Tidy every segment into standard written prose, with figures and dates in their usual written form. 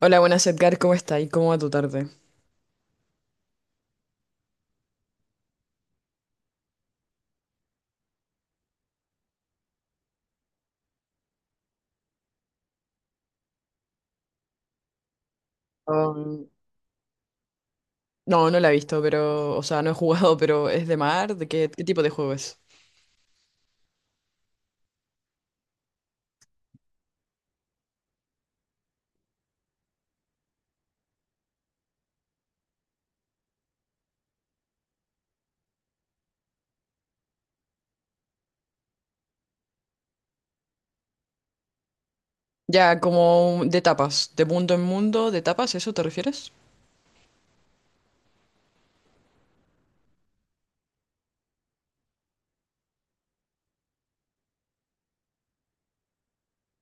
Hola, buenas Edgar, ¿cómo está? ¿Y cómo va tu tarde? Um, no, no la he visto, pero, o sea, no he jugado, pero ¿es de mar? ¿De qué tipo de juego es? Ya, como de tapas, de mundo en mundo, de tapas, ¿eso te refieres?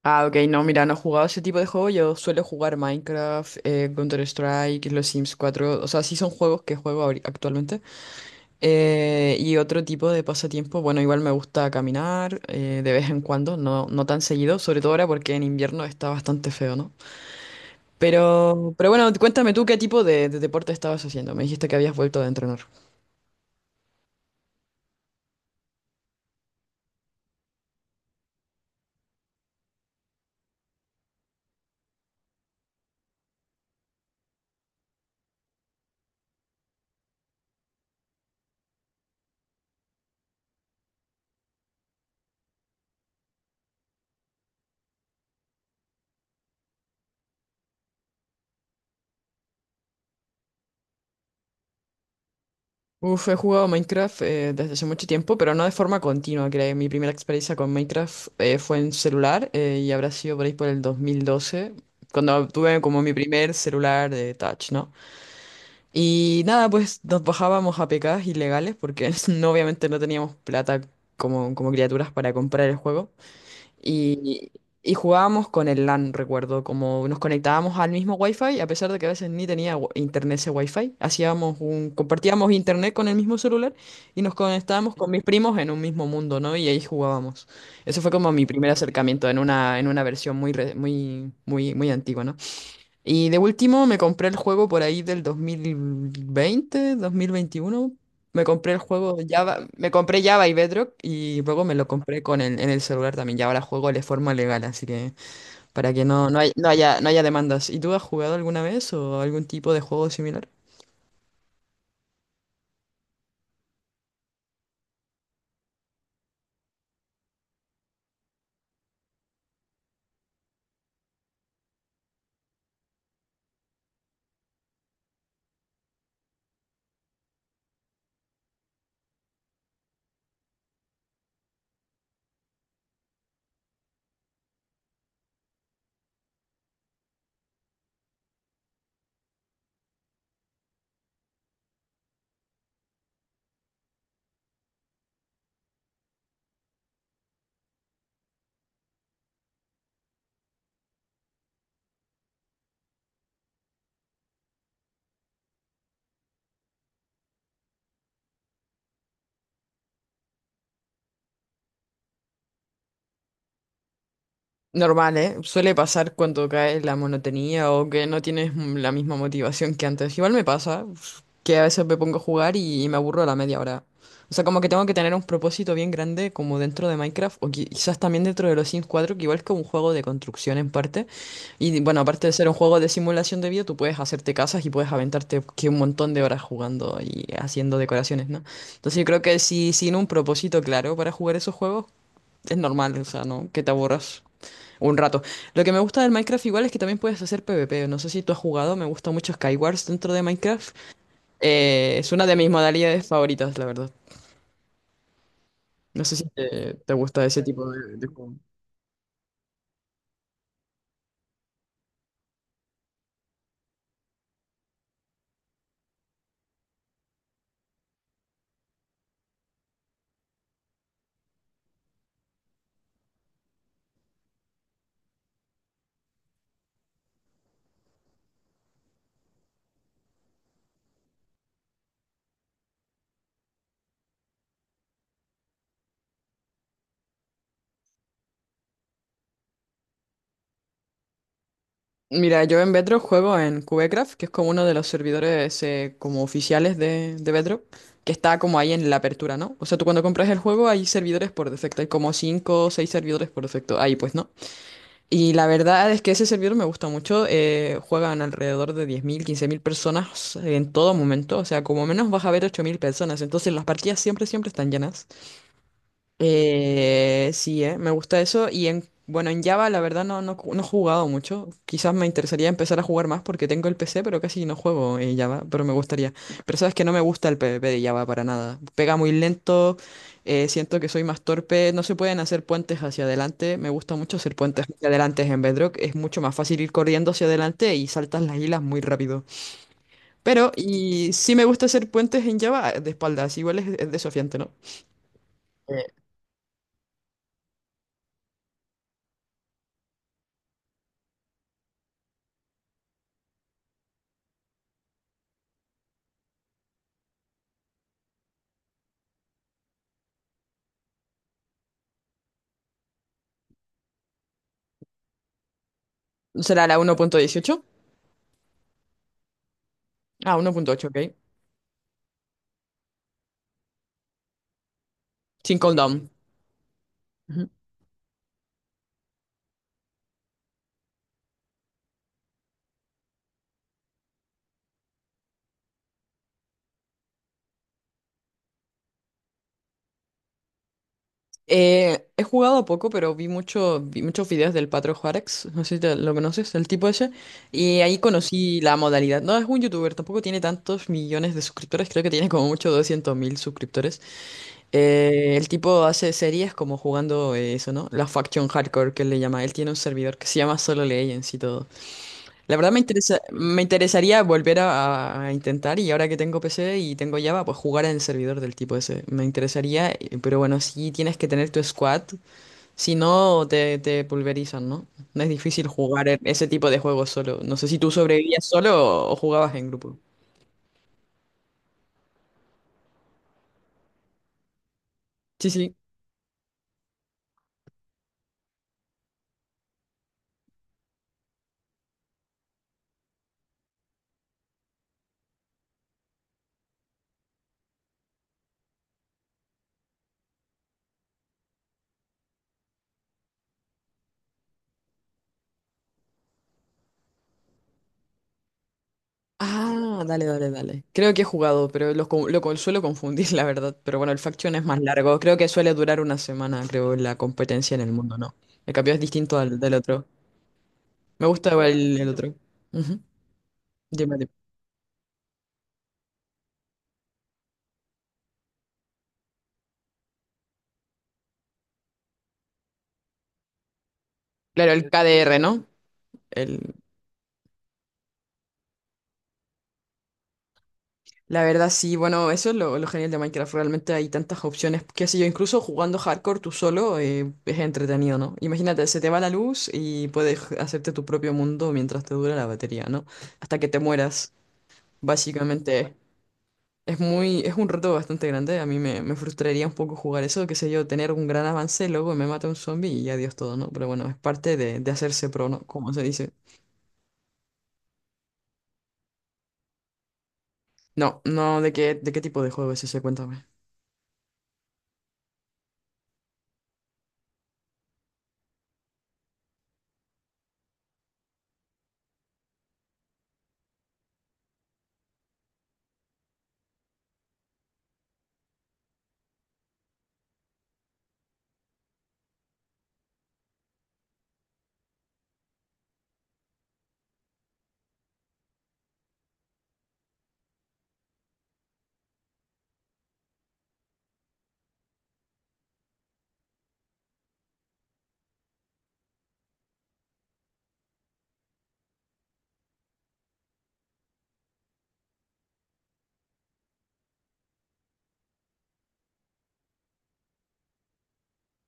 Ah, ok, no, mira, no he jugado ese tipo de juego, yo suelo jugar Minecraft, Counter-Strike, los Sims 4. O sea, sí son juegos que juego actualmente. Y otro tipo de pasatiempo, bueno, igual me gusta caminar, de vez en cuando, no, no tan seguido, sobre todo ahora porque en invierno está bastante feo, ¿no? Pero bueno, cuéntame tú qué tipo de deporte estabas haciendo. Me dijiste que habías vuelto a entrenar. He jugado Minecraft desde hace mucho tiempo, pero no de forma continua. Creo mi primera experiencia con Minecraft fue en celular, y habrá sido por ahí por el 2012, cuando tuve como mi primer celular de touch, ¿no? Y nada, pues nos bajábamos a APKs ilegales porque obviamente no teníamos plata, como criaturas para comprar el juego. Y, y jugábamos con el LAN, recuerdo, como nos conectábamos al mismo Wi-Fi, a pesar de que a veces ni tenía internet ese Wi-Fi, compartíamos internet con el mismo celular y nos conectábamos con mis primos en un mismo mundo, ¿no? Y ahí jugábamos. Eso fue como mi primer acercamiento en una versión muy, muy, muy, muy antigua, ¿no? Y de último me compré el juego por ahí del 2020, 2021. Me compré el juego Java, me compré Java y Bedrock y luego me lo compré en el celular también. Y ahora juego de forma legal, así que para que no haya demandas. ¿Y tú has jugado alguna vez o algún tipo de juego similar? Normal, ¿eh? Suele pasar cuando cae la monotonía o que no tienes, la misma motivación que antes. Igual me pasa, que a veces me pongo a jugar y me aburro a la media hora. O sea, como que tengo que tener un propósito bien grande, como dentro de Minecraft o quizás también dentro de los Sims 4, que igual es como un juego de construcción en parte. Y bueno, aparte de ser un juego de simulación de vida, tú puedes hacerte casas y puedes aventarte que un montón de horas jugando y haciendo decoraciones, ¿no? Entonces yo creo que si sin un propósito claro para jugar esos juegos, es normal, o sea, ¿no? Que te aburras. Un rato. Lo que me gusta del Minecraft igual es que también puedes hacer PvP. No sé si tú has jugado, me gusta mucho Skywars dentro de Minecraft. Es una de mis modalidades favoritas, la verdad. No sé si te gusta ese tipo de juego. Mira, yo en Bedrock juego en Cubecraft, que es como uno de los servidores, como oficiales de Bedrock, que está como ahí en la apertura, ¿no? O sea, tú cuando compras el juego hay servidores por defecto, hay como 5 o 6 servidores por defecto, ahí pues, ¿no? Y la verdad es que ese servidor me gusta mucho, juegan alrededor de 10.000 15.000 personas en todo momento. O sea, como menos vas a ver 8.000 personas. Entonces las partidas siempre, siempre están llenas. Sí, me gusta eso. Y, bueno, en Java la verdad no, no, no he jugado mucho. Quizás me interesaría empezar a jugar más porque tengo el PC, pero casi no juego en Java, pero me gustaría. Pero sabes que no me gusta el PvP de Java para nada. Pega muy lento, siento que soy más torpe, no se pueden hacer puentes hacia adelante. Me gusta mucho hacer puentes hacia adelante en Bedrock. Es mucho más fácil ir corriendo hacia adelante y saltas las hilas muy rápido. Pero, y sí me gusta hacer puentes en Java de espaldas, igual es desafiante, ¿no? Eh, ¿Será la 1.18? Ah, 1.8, ok. Sin cooldown. Ujú. He jugado poco, pero vi muchos videos del Patro Juárez. No sé si lo conoces, el tipo ese. Y ahí conocí la modalidad. No, es un youtuber, tampoco tiene tantos millones de suscriptores. Creo que tiene como mucho 200 mil suscriptores. El tipo hace series como jugando, eso, ¿no? La Faction Hardcore, que él le llama. Él tiene un servidor que se llama Solo Legends y todo. La verdad me interesa, me interesaría volver a intentar y ahora que tengo PC y tengo Java, pues jugar en el servidor del tipo ese. Me interesaría, pero bueno, sí tienes que tener tu squad, si no te pulverizan, ¿no? No es difícil jugar ese tipo de juegos solo. No sé si tú sobrevivías solo o jugabas en grupo. Sí, sí. Ah, dale, dale, dale. Creo que he jugado, pero suelo confundir, la verdad. Pero bueno, el Faction es más largo. Creo que suele durar una semana, creo, la competencia en el mundo, ¿no? El cambio es distinto al del otro. Me gusta igual el otro. Ujú. Dime, dime. Claro, el KDR, ¿no? El... La verdad, sí, bueno, eso es lo genial de Minecraft. Realmente hay tantas opciones. Qué sé yo, incluso jugando hardcore tú solo, es entretenido, ¿no? Imagínate, se te va la luz y puedes hacerte tu propio mundo mientras te dura la batería, ¿no? Hasta que te mueras. Básicamente, es un reto bastante grande. A mí me frustraría un poco jugar eso, qué sé yo, tener un gran avance, luego me mata un zombie y adiós todo, ¿no? Pero bueno, es parte de hacerse pro, ¿no? Como se dice. No, no, ¿de qué tipo de juego es ese? Cuéntame.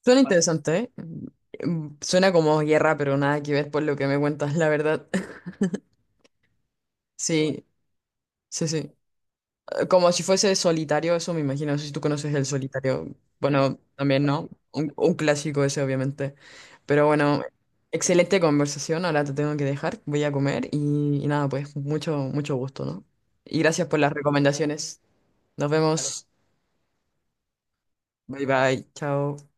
Suena, vale, interesante, ¿eh? Suena como guerra, pero nada que ver por lo que me cuentas, la verdad. Sí, sí, sí. Como si fuese solitario, eso me imagino. No sé si tú conoces el solitario. Bueno, también no. Un clásico ese, obviamente. Pero bueno, excelente conversación. Ahora te tengo que dejar. Voy a comer y nada, pues mucho, mucho gusto, ¿no? Y gracias por las recomendaciones. Nos vemos. Bye bye. Chao.